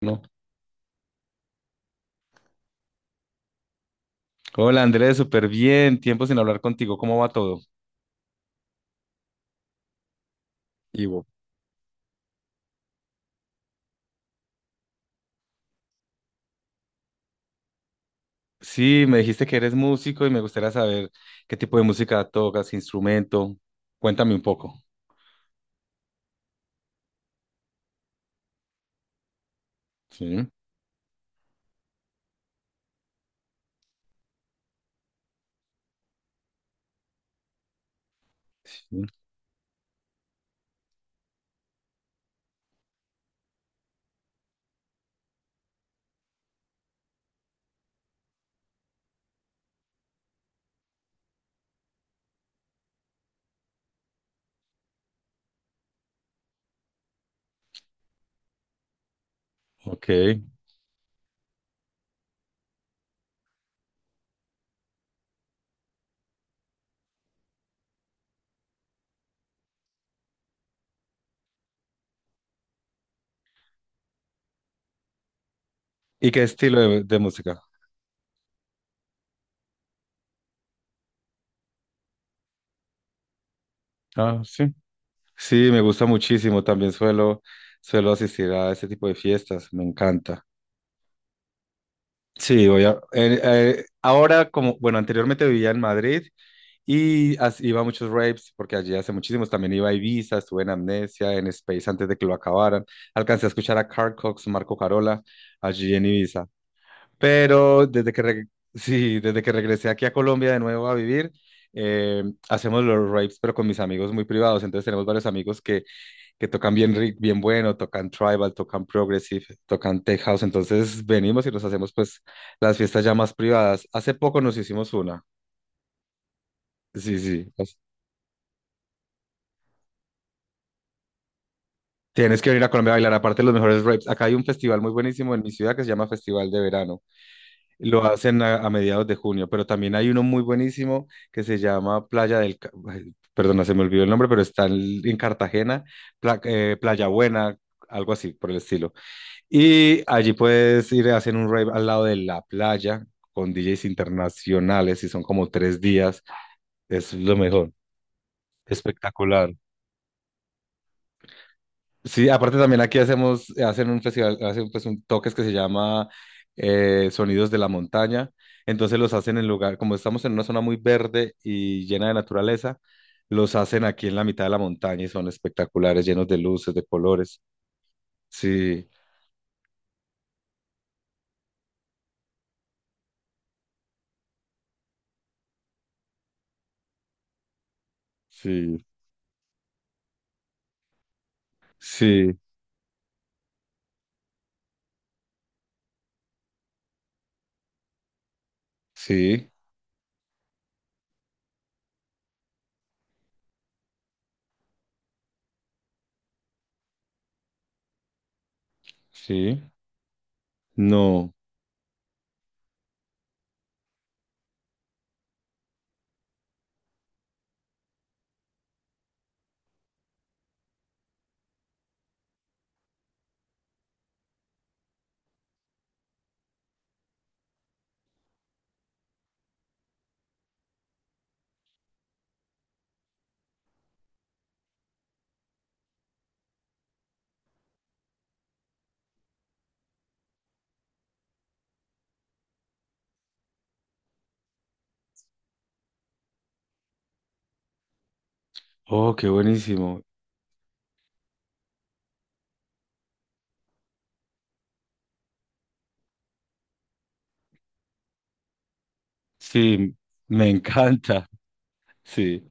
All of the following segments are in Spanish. No. Hola Andrés, súper bien. Tiempo sin hablar contigo. ¿Cómo va todo? Ivo. Sí, me dijiste que eres músico y me gustaría saber qué tipo de música tocas, qué instrumento. Cuéntame un poco. Sí, sí. Ok. ¿Y qué estilo de música? Ah, sí. Sí, me gusta muchísimo. Suelo asistir a ese tipo de fiestas. Me encanta. Sí, voy a, ahora como, bueno, anteriormente vivía en Madrid. Iba a muchos raves, porque allí hace muchísimos. También iba a Ibiza, estuve en Amnesia, en Space antes de que lo acabaran. Alcancé a escuchar a Carl Cox, Marco Carola, allí en Ibiza. Pero sí, desde que regresé aquí a Colombia de nuevo a vivir, eh, hacemos los raves, pero con mis amigos muy privados. Entonces tenemos varios amigos que tocan bien bueno, tocan tribal, tocan progressive, tocan tech house. Entonces venimos y nos hacemos pues las fiestas ya más privadas. Hace poco nos hicimos una. Sí, sí. Tienes que venir a Colombia a bailar, aparte de los mejores raves. Acá hay un festival muy buenísimo en mi ciudad que se llama Festival de Verano. Lo hacen a mediados de junio, pero también hay uno muy buenísimo que se llama Playa del... Ca- ay, perdona, se me olvidó el nombre, pero está en Cartagena, Playa Buena, algo así por el estilo. Y allí puedes ir, hacen un rave al lado de la playa con DJs internacionales y son como tres días. Es lo mejor, espectacular. Sí, aparte también aquí hacemos, hacen un festival, hacen pues un toques que se llama Sonidos de la Montaña. Entonces los hacen en lugar, como estamos en una zona muy verde y llena de naturaleza, los hacen aquí en la mitad de la montaña y son espectaculares, llenos de luces, de colores. Sí, sí, sí, sí, sí. No. Oh, qué buenísimo. Sí, me encanta. Sí.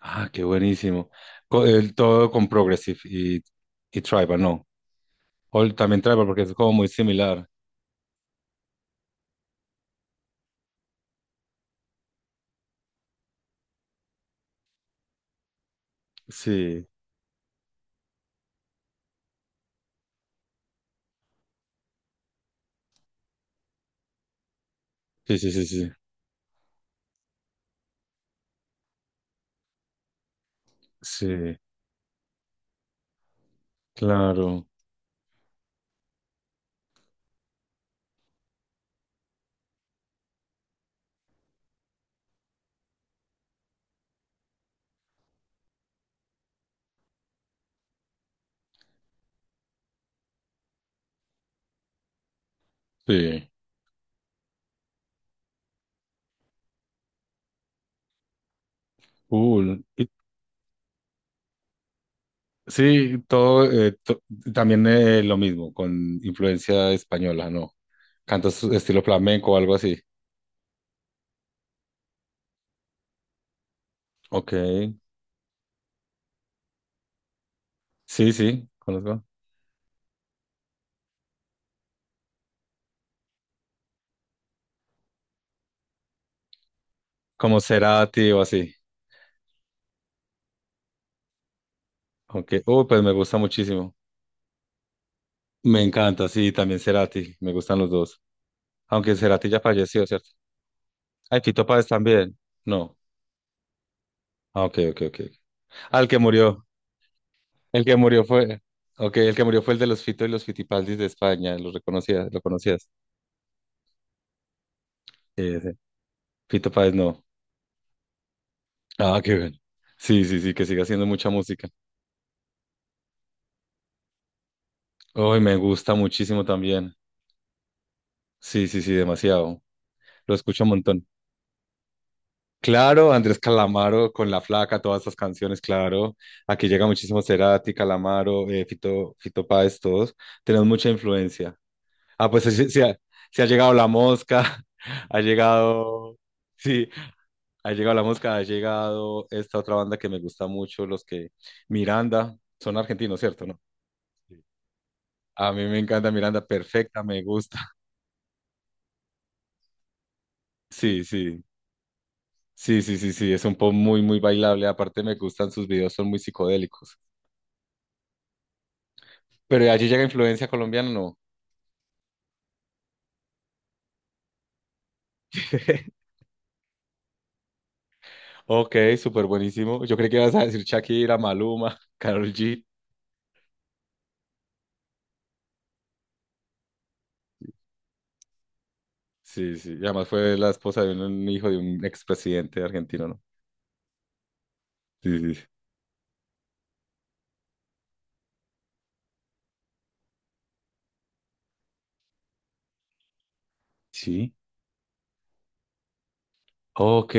Ah, qué buenísimo. Co- el- todo con Progressive y Tribal, no. O también Tribal, porque es como muy similar. Sí, sí. Sí, claro. Sí. Cool. Y- sí, todo, to- también lo mismo, con influencia española, ¿no? Cantos estilo flamenco o algo así. Ok. Sí, sí, conozco. Como Cerati o así. Ok. Pues me gusta muchísimo. Me encanta, sí, también Cerati. Me gustan los dos. Aunque Cerati ya falleció, ¿cierto? Ay, Fito Páez también. No. Ah, ok, ok, ok. Al que murió. El que murió fue, okay, el que murió fue el de los Fito y los Fitipaldis de España, lo reconocías, lo conocías. Sí, sí. Fito Páez no. Ah, qué bien. Sí, sí, sí, que siga haciendo mucha música. Hoy me gusta muchísimo también. Sí, sí, sí, demasiado. Lo escucho un montón. Claro, Andrés Calamaro con La Flaca, todas esas canciones, claro. Aquí llega muchísimo Cerati, Calamaro, Fito Páez, todos. Tenemos mucha influencia. Ah, pues sí ha llegado La Mosca, ha llegado, sí, ha llegado la mosca, ha llegado esta otra banda que me gusta mucho, los que Miranda, son argentinos, ¿cierto? ¿No? Sí. A mí me encanta Miranda, perfecta, me gusta. Sí, sí, sí, es un pop muy bailable. Aparte me gustan sus videos, son muy psicodélicos. Pero de allí llega influencia colombiana, ¿no? Ok, súper buenísimo. Yo creí que ibas a decir Shakira, Maluma, Karol G. Sí, sí, y además fue la esposa de un hijo de un expresidente argentino, ¿no? Sí, sí, sí. Sí. Ok.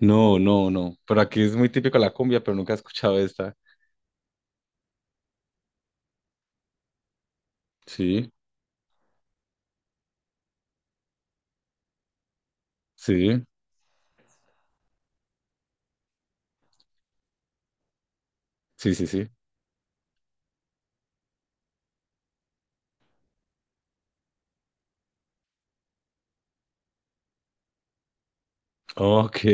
No, no, no. Pero aquí es muy típico la cumbia, pero nunca he escuchado esta. Sí, sí, sí. Ok,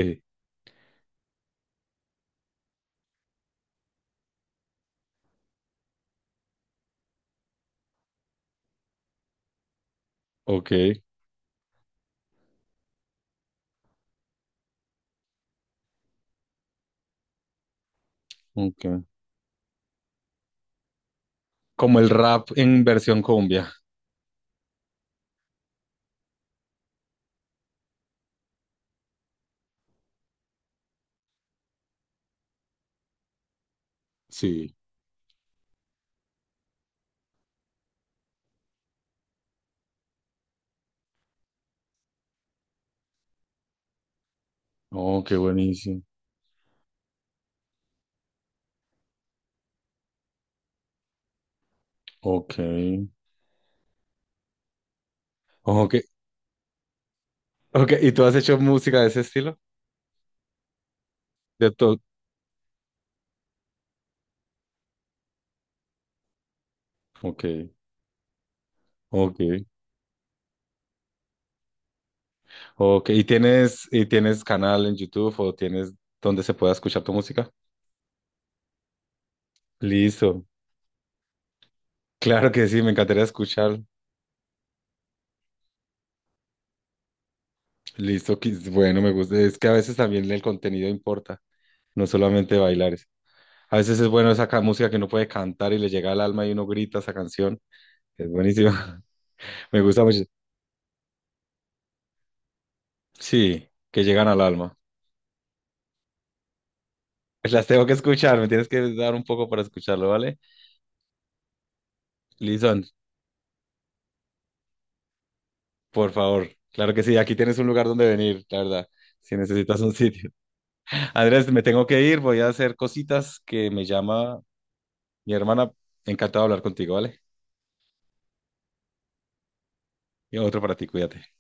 ok, ok. Como el rap en versión cumbia. Sí. Oh, qué buenísimo. Ok, ok, ok. ¿Y tú has hecho música de ese estilo? De todo. Ok, ok, ok. Y tienes canal en YouTube o tienes donde se pueda escuchar tu música? Listo. Claro que sí, me encantaría escuchar. Bueno, me gusta. Es que a veces también el contenido importa, no solamente bailar. A veces es bueno esa música que uno puede cantar y le llega al alma y uno grita esa canción. Es buenísima. Me gusta mucho. Sí, que llegan al alma. Pues las tengo que escuchar, me tienes que dar un poco para escucharlo, ¿vale? Lison, por favor. Claro que sí, aquí tienes un lugar donde venir, la verdad, si necesitas un sitio. Andrés, me tengo que ir, voy a hacer cositas que me llama mi hermana. Encantado de hablar contigo, ¿vale? Y otro para ti, cuídate.